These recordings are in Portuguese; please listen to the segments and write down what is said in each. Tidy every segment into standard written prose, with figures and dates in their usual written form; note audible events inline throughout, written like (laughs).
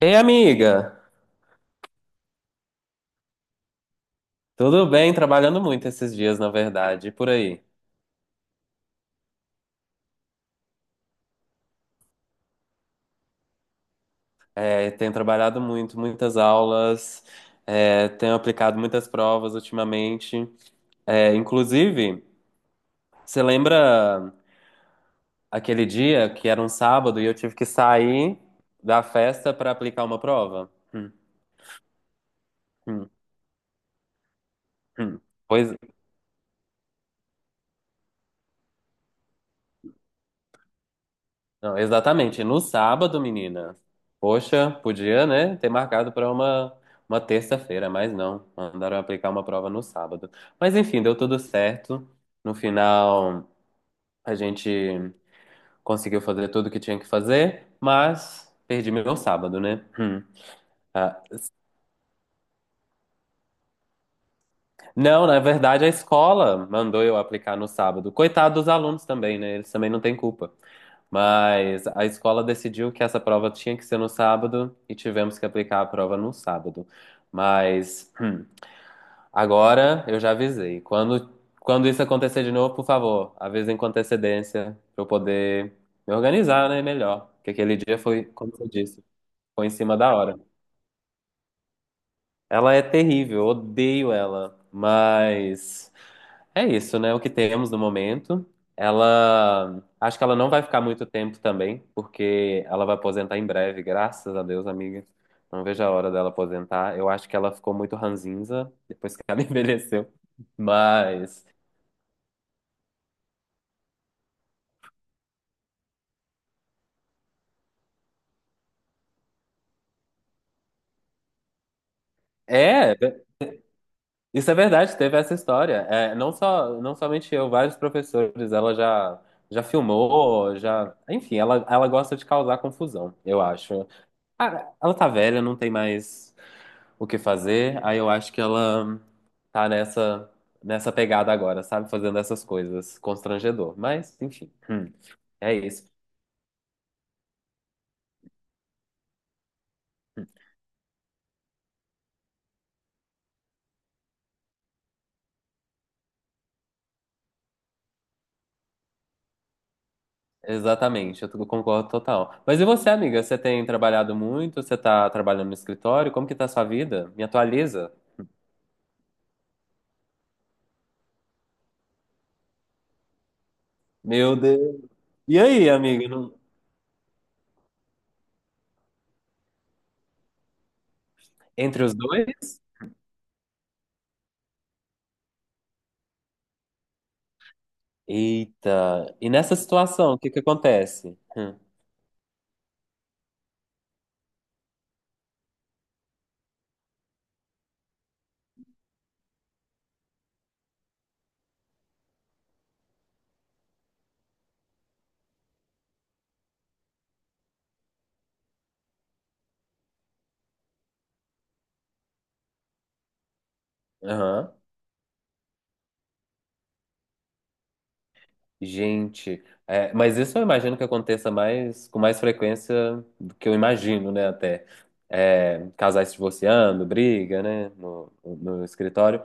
Ei, amiga! Tudo bem? Trabalhando muito esses dias, na verdade, e por aí. Tenho trabalhado muito, muitas aulas, tenho aplicado muitas provas ultimamente. Inclusive, você lembra aquele dia que era um sábado e eu tive que sair da festa para aplicar uma prova? Hum, hum. Pois, não, exatamente. No sábado, menina. Poxa, podia, né, ter marcado para uma terça-feira, mas não. Mandaram aplicar uma prova no sábado. Mas enfim, deu tudo certo. No final, a gente conseguiu fazer tudo que tinha que fazer, mas perdi meu sábado, né? Ah, não, na verdade, a escola mandou eu aplicar no sábado. Coitado dos alunos também, né? Eles também não têm culpa. Mas a escola decidiu que essa prova tinha que ser no sábado e tivemos que aplicar a prova no sábado. Mas agora eu já avisei. Quando isso acontecer de novo, por favor, avisem com antecedência para eu poder me organizar, né, melhor. Porque aquele dia foi, como você disse, foi em cima da hora. Ela é terrível, eu odeio ela, mas é isso, né? O que temos no momento. Ela, acho que ela não vai ficar muito tempo também, porque ela vai aposentar em breve, graças a Deus, amiga. Não vejo a hora dela aposentar. Eu acho que ela ficou muito ranzinza depois que ela (laughs) envelheceu. Mas é, isso é verdade, teve essa história. É, não só, não somente eu, vários professores, ela já filmou, já, enfim, ela gosta de causar confusão, eu acho. Ah, ela tá velha, não tem mais o que fazer. Aí eu acho que ela tá nessa pegada agora, sabe? Fazendo essas coisas. Constrangedor. Mas, enfim, é isso. Exatamente, eu concordo total. Mas e você, amiga? Você tem trabalhado muito? Você tá trabalhando no escritório? Como que tá a sua vida? Me atualiza. Meu Deus. E aí, amiga? Não- Entre os dois? Eita. E nessa situação, o que que acontece? Hum. Aham. Gente, mas isso eu imagino que aconteça mais com mais frequência do que eu imagino, né? Até é, casais se divorciando, briga, né? No escritório.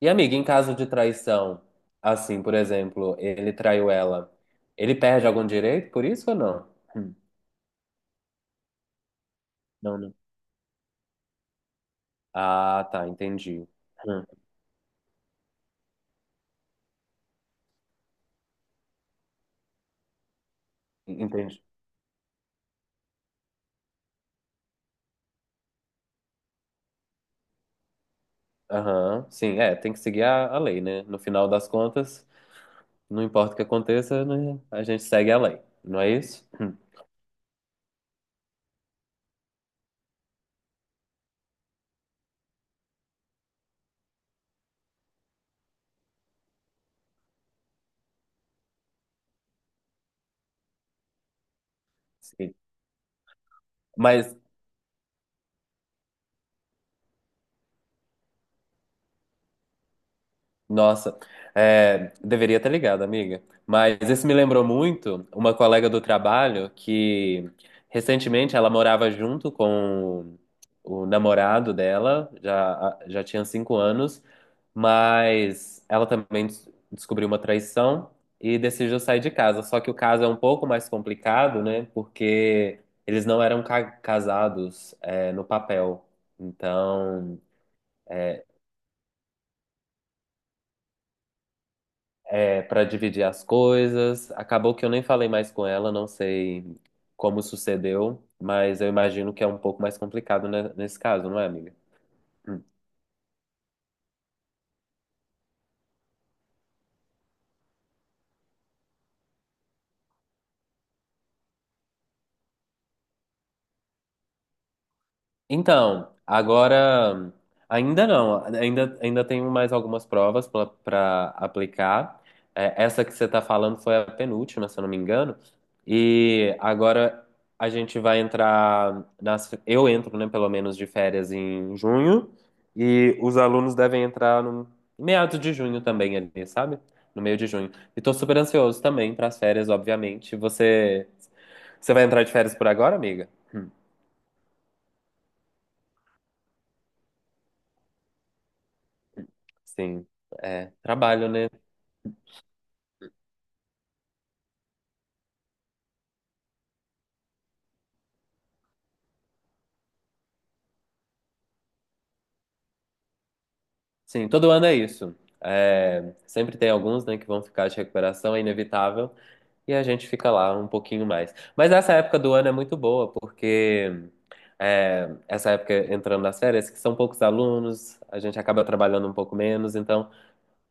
E amiga, em caso de traição, assim, por exemplo, ele traiu ela, ele perde algum direito por isso ou não? Hum, não, não. Ah, tá, entendi. Hum, entendi. Aham, sim, é, tem que seguir a lei, né? No final das contas, não importa o que aconteça, né? A gente segue a lei, não é isso? Mas, nossa, é, deveria ter ligado, amiga. Mas isso me lembrou muito uma colega do trabalho que recentemente ela morava junto com o namorado dela, já tinha cinco anos, mas ela também descobriu uma traição e decidiu sair de casa. Só que o caso é um pouco mais complicado, né? Porque eles não eram casados, é, no papel. Então, é, é, para dividir as coisas. Acabou que eu nem falei mais com ela, não sei como sucedeu, mas eu imagino que é um pouco mais complicado, né, nesse caso, não é, amiga? Hum. Então, agora ainda não, ainda tenho mais algumas provas para aplicar. É, essa que você está falando foi a penúltima, se eu não me engano. E agora a gente vai entrar nas, eu entro, né, pelo menos de férias em junho, e os alunos devem entrar no meados de junho também ali, sabe? No meio de junho. E tô super ansioso também para as férias, obviamente. Você vai entrar de férias por agora, amiga? Sim, é, trabalho, né? Sim, todo ano é isso. É, sempre tem alguns, né, que vão ficar de recuperação, é inevitável, e a gente fica lá um pouquinho mais. Mas essa época do ano é muito boa, porque é, essa época entrando nas férias, que são poucos alunos, a gente acaba trabalhando um pouco menos, então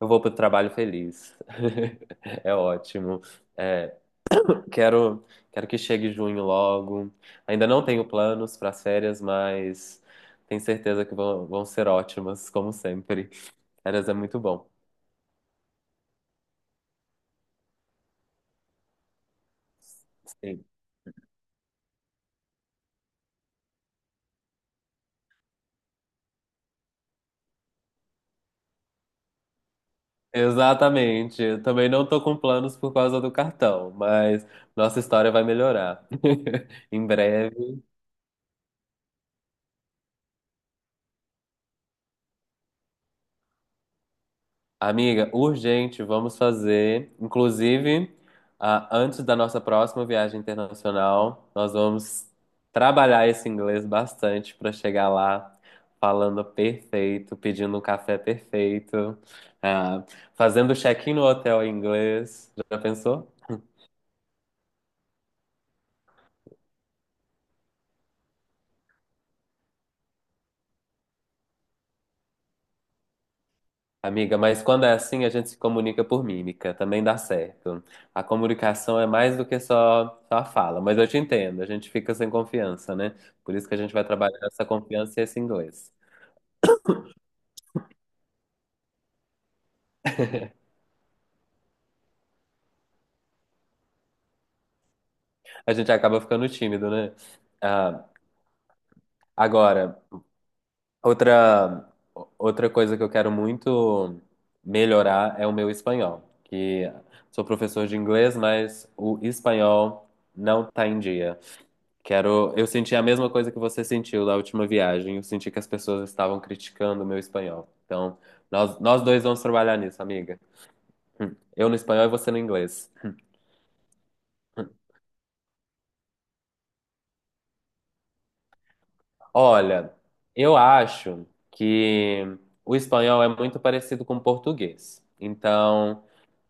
eu vou pro trabalho feliz. (laughs) É ótimo. É, Quero, quero que chegue junho logo. Ainda não tenho planos para as férias, mas tenho certeza que vão ser ótimas, como sempre. Férias é muito bom. Sim. Exatamente. Eu também não tô com planos por causa do cartão, mas nossa história vai melhorar. (laughs) Em breve. Amiga, urgente, vamos fazer. Inclusive, ah, antes da nossa próxima viagem internacional, nós vamos trabalhar esse inglês bastante para chegar lá falando perfeito, pedindo um café perfeito, ah, fazendo check-in no hotel em inglês. Já pensou? Amiga, mas quando é assim, a gente se comunica por mímica, também dá certo. A comunicação é mais do que só a fala, mas eu te entendo, a gente fica sem confiança, né? Por isso que a gente vai trabalhar essa confiança e esse inglês. A gente acaba ficando tímido, né? Ah, agora, outra, outra coisa que eu quero muito melhorar é o meu espanhol, que sou professor de inglês, mas o espanhol não tá em dia. Quero. Eu senti a mesma coisa que você sentiu da última viagem. Eu senti que as pessoas estavam criticando o meu espanhol. Então, nós dois vamos trabalhar nisso, amiga. Eu no espanhol e você no inglês. Olha, eu acho que o espanhol é muito parecido com o português. Então,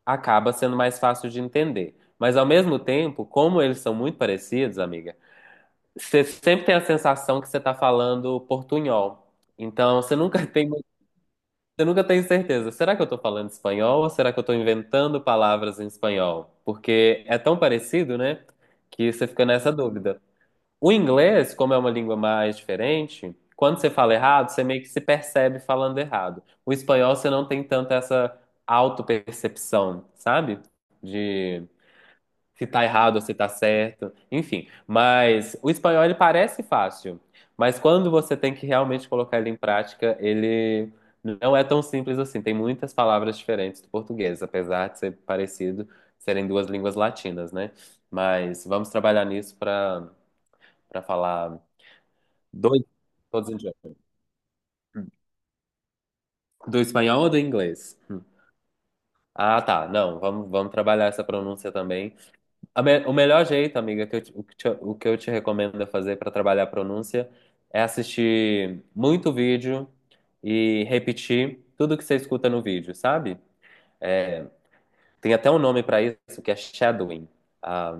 acaba sendo mais fácil de entender. Mas, ao mesmo tempo, como eles são muito parecidos, amiga, você sempre tem a sensação que você está falando portunhol. Então, você nunca (laughs) tem eu nunca tenho certeza. Será que eu tô falando espanhol ou será que eu tô inventando palavras em espanhol? Porque é tão parecido, né? Que você fica nessa dúvida. O inglês, como é uma língua mais diferente, quando você fala errado, você meio que se percebe falando errado. O espanhol, você não tem tanto essa autopercepção, sabe? Se tá errado ou se tá certo, enfim. Mas o espanhol ele parece fácil, mas quando você tem que realmente colocar ele em prática, ele não é tão simples assim. Tem muitas palavras diferentes do português, apesar de ser parecido, serem duas línguas latinas, né? Mas vamos trabalhar nisso para para falar dois todos em diante. Do espanhol ou do inglês? Hum. Ah, tá. Não, vamos trabalhar essa pronúncia também. O melhor jeito, amiga, que eu te- o que eu te recomendo fazer para trabalhar a pronúncia é assistir muito vídeo e repetir tudo que você escuta no vídeo, sabe? É, tem até um nome para isso, que é shadowing. Ah,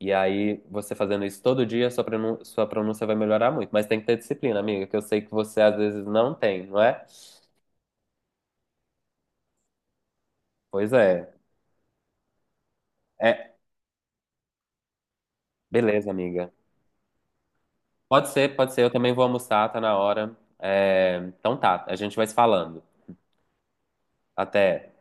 e aí, você fazendo isso todo dia, sua sua pronúncia vai melhorar muito. Mas tem que ter disciplina, amiga, que eu sei que você às vezes não tem, não é? Pois é. É, beleza, amiga. Pode ser, pode ser. Eu também vou almoçar, tá na hora. É, então tá, a gente vai se falando. Até.